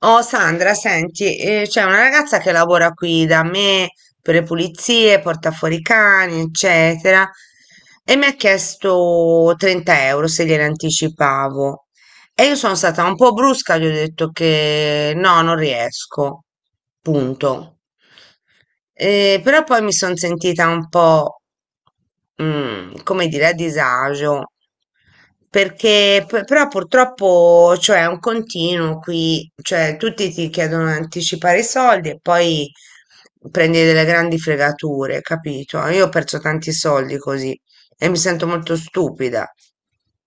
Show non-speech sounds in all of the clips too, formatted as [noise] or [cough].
Oh Sandra, senti, c'è una ragazza che lavora qui da me per le pulizie, porta fuori i cani, eccetera, e mi ha chiesto 30 euro se gliene anticipavo. E io sono stata un po' brusca, gli ho detto che no, non riesco, punto. Però poi mi sono sentita un po', come dire, a disagio, perché però purtroppo, cioè, è un continuo qui, cioè, tutti ti chiedono di anticipare i soldi e poi prendi delle grandi fregature, capito? Io ho perso tanti soldi così e mi sento molto stupida.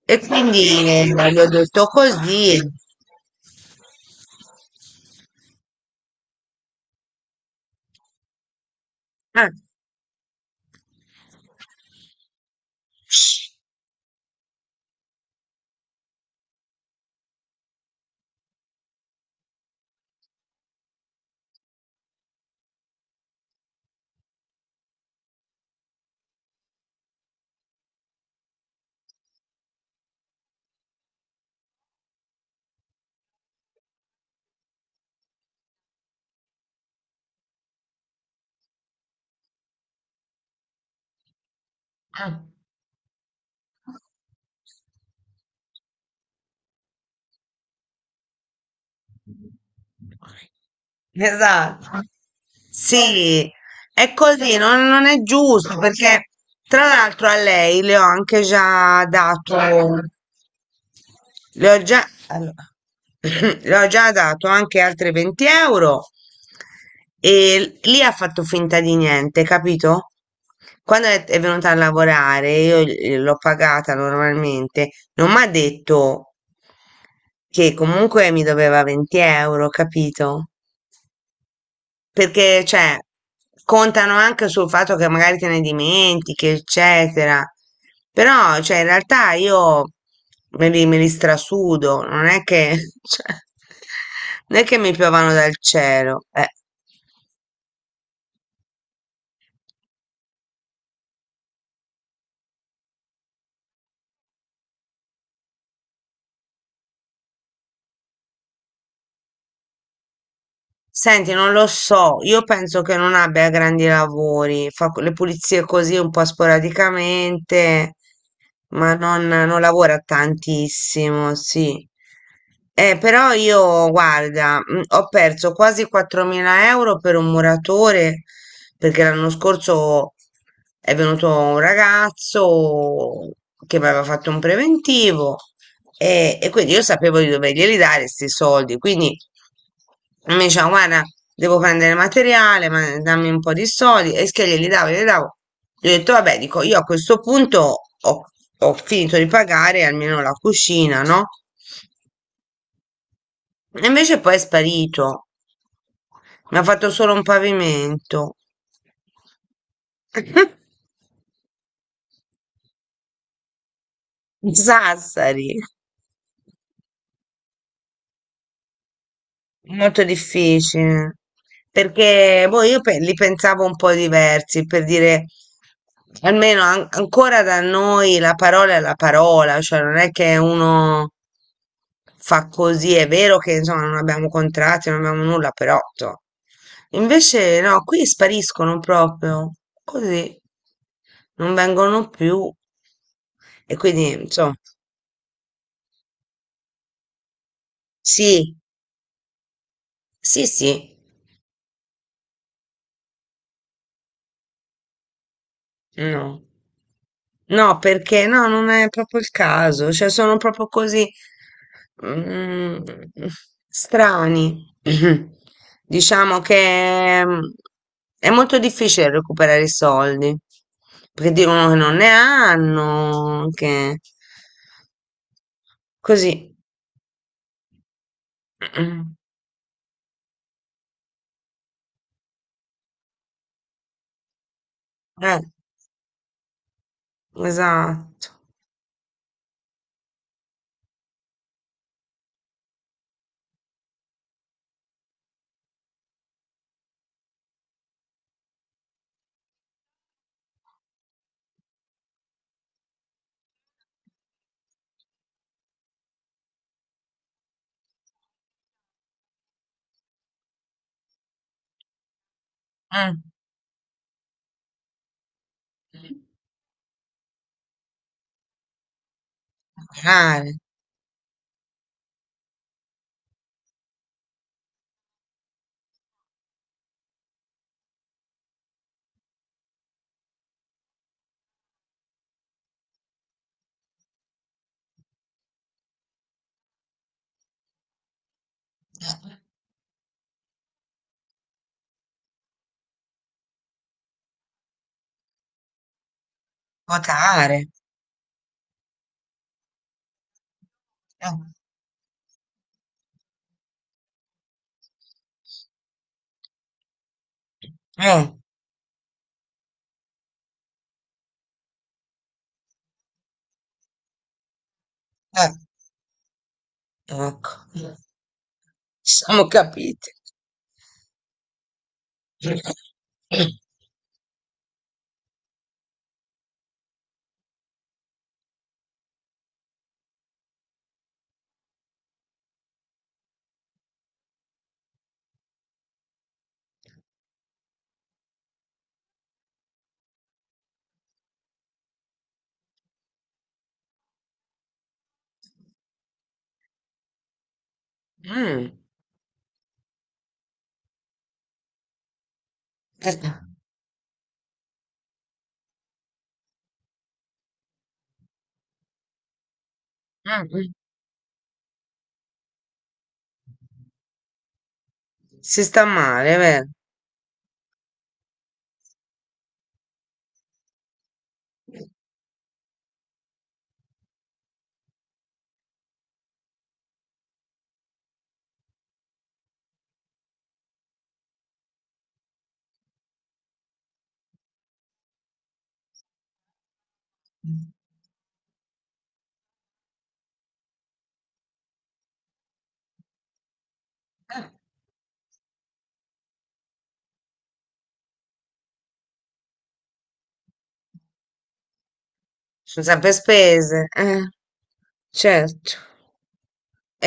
E quindi eh, gli ho detto così. Eh, esatto. Sì, è così, non è giusto perché tra l'altro a lei le ho anche già dato, allora, [laughs] [clears throat] le ho già dato anche altre 20 euro e lì ha fatto finta di niente, capito? Quando è venuta a lavorare, io l'ho pagata normalmente, non mi ha detto che comunque mi doveva 20 euro, capito? Perché, cioè, contano anche sul fatto che magari te ne dimentichi, eccetera. Però, cioè, in realtà io me li strasudo, non è che, [laughs] cioè, non è che mi piovano dal cielo. Senti, non lo so, io penso che non abbia grandi lavori, fa le pulizie così un po' sporadicamente, ma non lavora tantissimo, sì. Però io, guarda, ho perso quasi 4.000 euro per un muratore, perché l'anno scorso è venuto un ragazzo che mi aveva fatto un preventivo e quindi io sapevo di doverglieli dare questi soldi, quindi mi diceva, guarda, devo prendere materiale, ma dammi un po' di soldi, e che glieli davo, glieli davo. Gli ho detto, vabbè, dico, io a questo punto ho, ho finito di pagare almeno la cucina, no? E invece poi è sparito, mi ha fatto solo un pavimento. [laughs] Sassari. Molto difficile, perché boh, io li pensavo un po' diversi, per dire, almeno ancora da noi la parola è la parola, cioè non è che uno fa così, è vero che insomma non abbiamo contratti, non abbiamo nulla, però insomma. Invece no, qui spariscono proprio, così, non vengono più e quindi insomma, sì, sì, sì. No. No, perché no, non è proprio il caso, cioè sono proprio così mm, strani. [clears throat] Diciamo che è molto difficile recuperare i soldi, perché dicono che non ne hanno, che così. [clears throat] Eh, esatto. Mm. Votare. Votare. Eh, eh, eh, Ecco. Ci siamo capiti. Mm. Mm. Si sta male, vero? Sono sempre spese, certo.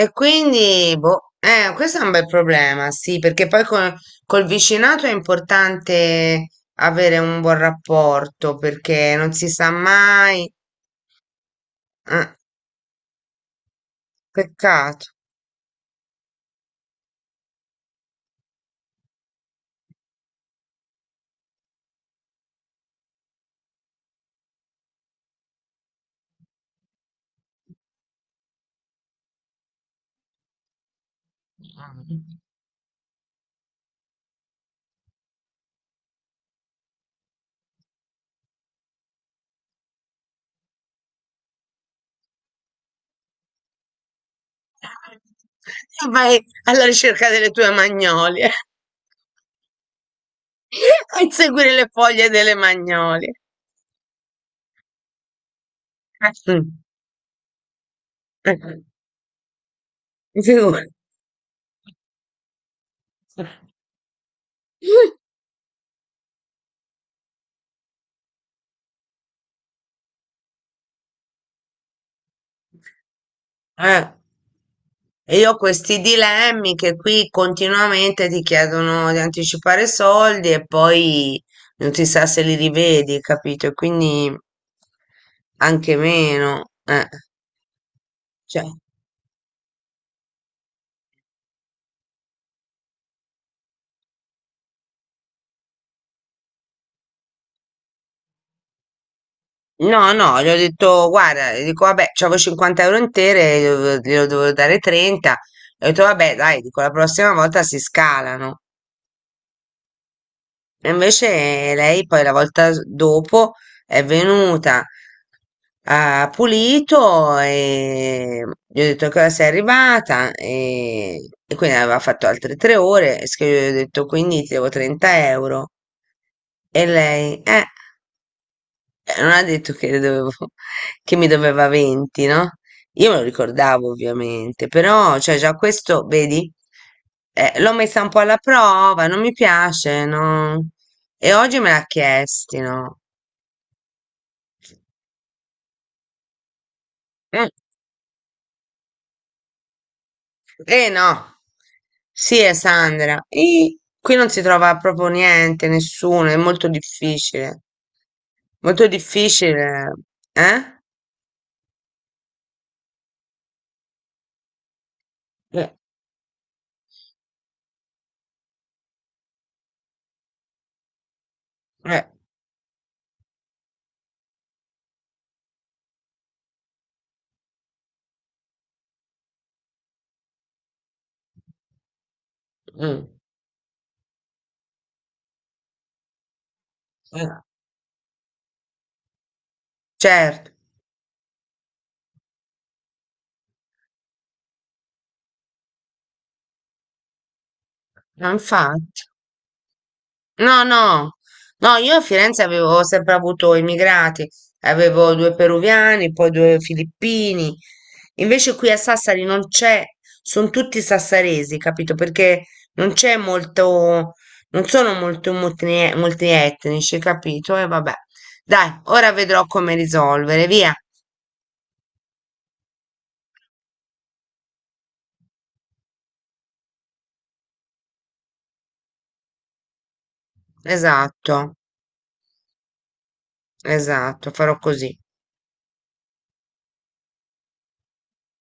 E quindi, boh, questo è un bel problema, sì, perché poi col vicinato è importante avere un buon rapporto, perché non si sa mai. eh, Peccato. Mm. Vai alla ricerca delle tue magnolie. [laughs] A inseguire le foglie delle magnolie. Eh, [laughs] mm, figurati. Eh, e io ho questi dilemmi che qui continuamente ti chiedono di anticipare soldi e poi non si sa se li rivedi, capito? E quindi anche meno. Cioè, no, no, gli ho detto, guarda, gli dico, vabbè, c'avevo 50 euro intere, glielo dovevo dare 30. Ho detto, vabbè, dai, dico, la prossima volta si scalano. E invece lei poi la volta dopo è venuta, ha pulito e gli ho detto che ora sei arrivata e quindi aveva fatto altre 3 ore, che gli ho detto quindi ti devo 30 euro. E lei. Non ha detto che le dovevo, che mi doveva 20, no? Io me lo ricordavo ovviamente, però, cioè, già questo, vedi, l'ho messa un po' alla prova, non mi piace, no? E oggi me l'ha chiesti, no? Mm, eh no, sì, è Sandra. E qui non si trova proprio niente, nessuno, è molto difficile, eh? Eh, eh, mm, eh, certo, ma infatti. No, no, no, io a Firenze avevo sempre avuto immigrati, avevo due peruviani, poi due filippini, invece qui a Sassari non c'è, sono tutti sassaresi, capito? Perché non c'è molto, non sono molto multietnici, capito? E vabbè, dai, ora vedrò come risolvere, via. Esatto, esatto, farò così.